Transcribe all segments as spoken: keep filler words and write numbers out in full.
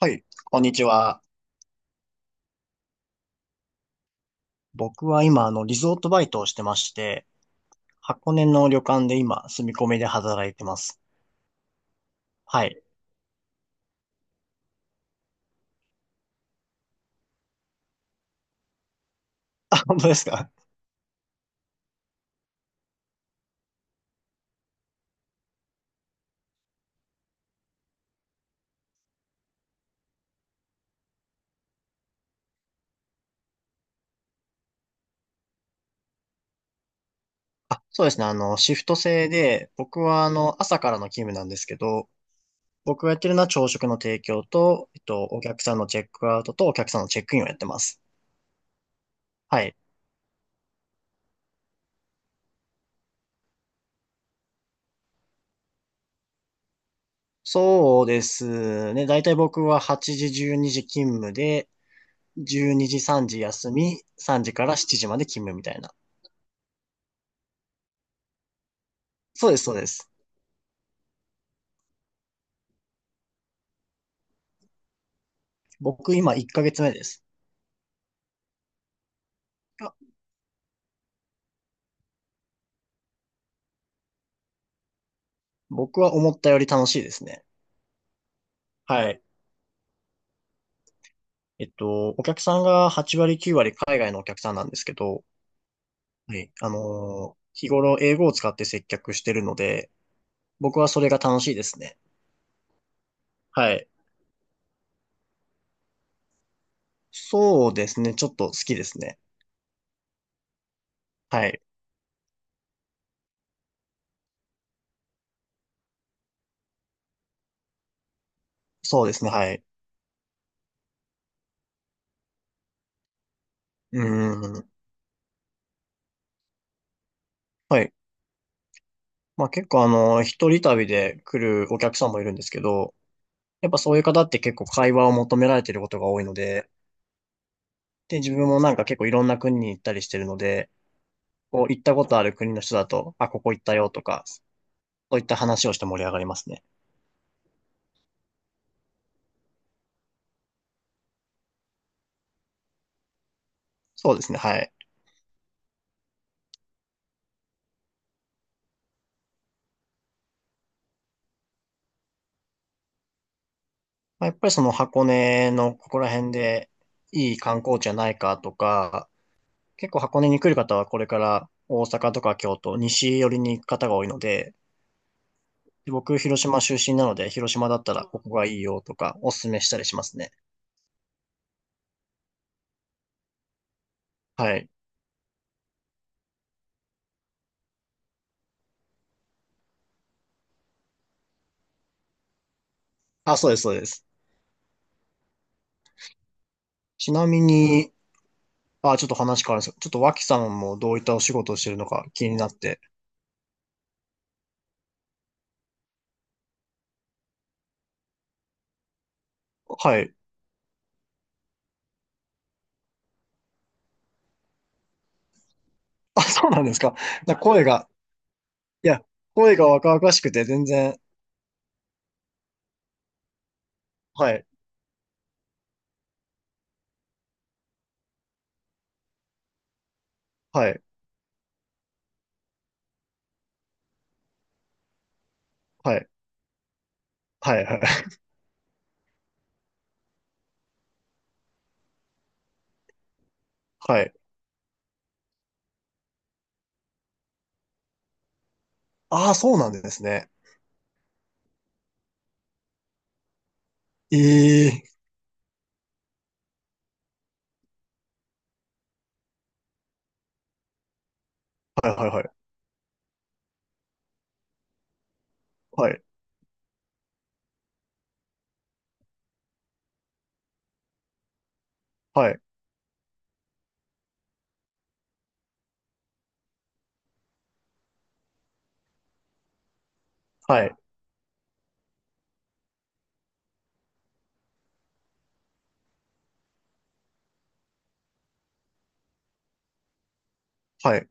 はい、こんにちは。僕は今、あの、リゾートバイトをしてまして、箱根の旅館で今、住み込みで働いてます。はい。あ、本当ですか？あ、そうですね。あの、シフト制で、僕は、あの、朝からの勤務なんですけど、僕がやってるのは朝食の提供と、えっと、お客さんのチェックアウトとお客さんのチェックインをやってます。はい。そうですね。だいたい僕ははちじ、じゅうにじ勤務で、じゅうにじ、さんじ休み、さんじからしちじまで勤務みたいな。そうです、そうです。僕今いっかげつめです。あ、僕は思ったより楽しいですね。はい。えっと、お客さんがはち割きゅう割海外のお客さんなんですけど、はい。あのー日頃英語を使って接客してるので、僕はそれが楽しいですね。はい。そうですね。ちょっと好きですね。はい。そうですね。はい。うーん。はい。まあ結構あのー、一人旅で来るお客さんもいるんですけど、やっぱそういう方って結構会話を求められてることが多いので、で、自分もなんか結構いろんな国に行ったりしてるので、こう、行ったことある国の人だと、あ、ここ行ったよとか、そういった話をして盛り上がりますね。そうですね、はい。まあ、やっぱりその箱根のここら辺でいい観光地はないかとか、結構箱根に来る方はこれから大阪とか京都、西寄りに行く方が多いので、で僕、広島出身なので、広島だったらここがいいよとか、おすすめしたりしますね。はい。あ、そうです、そうです。ちなみに、あ、ちょっと話変わるんですけど、ちょっと脇さんもどういったお仕事をしてるのか気になって、はい。あ、そうなんですか。な声が、いや、声が若々しくて全然、はい、はい、はい、はい、はい、はい。ああ、そうなんですね。ええ、はい、はい、はい、はい、はい、はい、はい、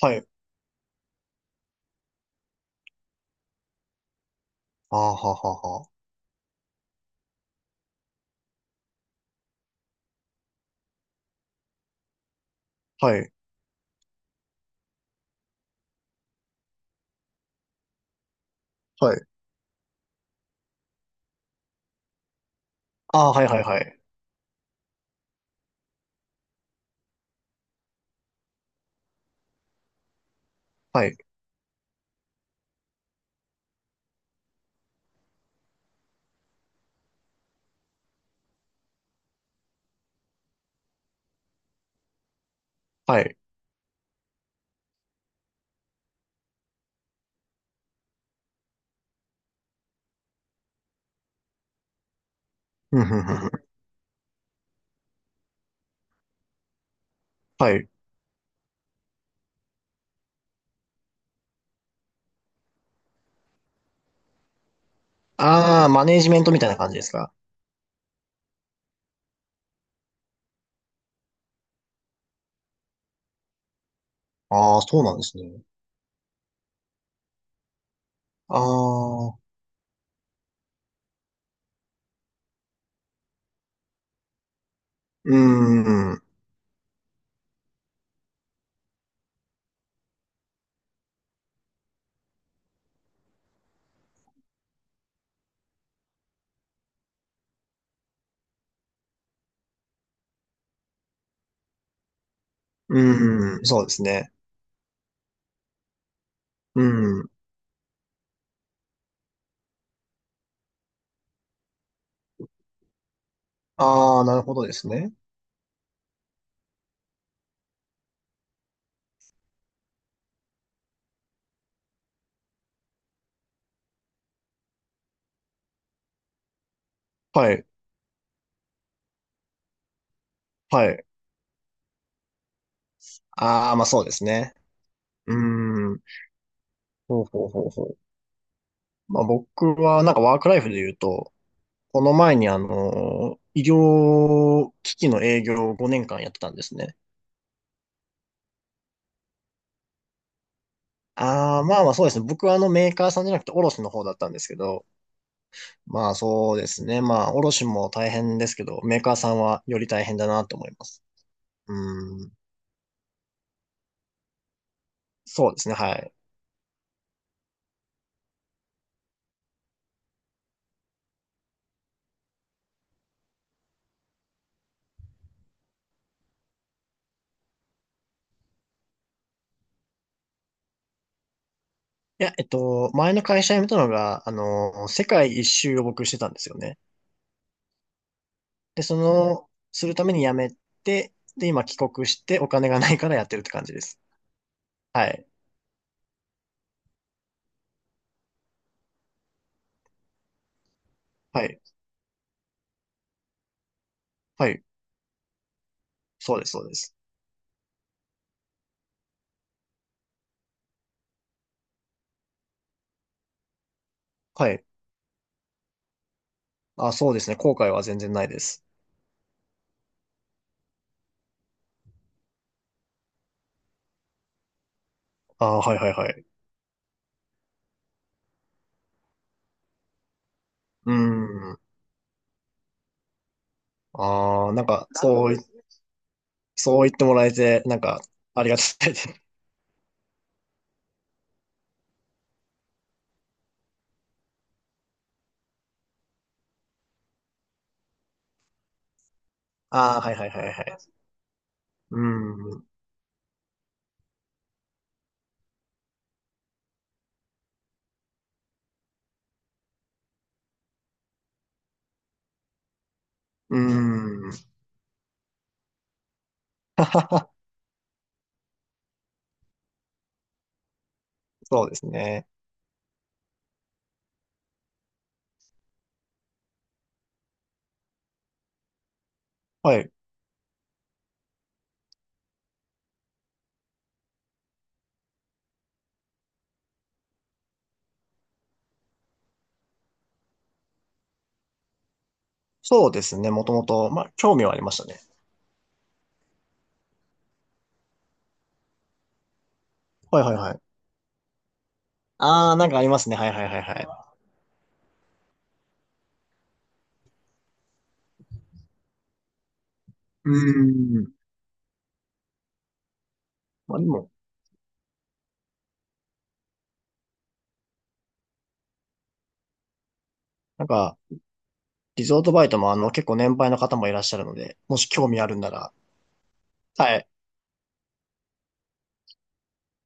はい。ああ、はははは。はい、はい。ああ、はい、はい、はい、はい、はい。ふんふんふんふん。はい。ああ、マネージメントみたいな感じですか？ああ、そうなんですね。ああ、うーん、うーん、そうですね。うん。ああ、なるほどですね。はい、はい。ああ、まあそうですね。うーん。ほうほうほうほう。まあ僕はなんかワークライフで言うと、この前にあの、医療機器の営業をごねんかんやってたんですね。ああ、まあまあそうですね。僕はあのメーカーさんじゃなくて卸の方だったんですけど、まあそうですね。まあ卸も大変ですけど、メーカーさんはより大変だなと思います。うーん。そうですね。はい。いや、えっと、前の会社辞めたのが、あの、世界一周を僕してたんですよね。で、その、するために辞めて、で、今帰国してお金がないからやってるって感じです。はい。はい。はい。そうです、そうです。はい。あ、そうですね。後悔は全然ないです。あ、はい、はい、はい。うーん。あー、なんか、そうい、そう言ってもらえて、なんか、ありがたいです。ああ、はい、はい、はい、はい。うん。うん。そうですね。はい。そうですね。もともと、まあ、興味はありましたね。はい、はい、はい。ああ、なんかありますね。はい、はい、はい、はい。うん。まあ、でも、なんか、リゾートバイトもあの結構年配の方もいらっしゃるので、もし興味あるんなら、はい、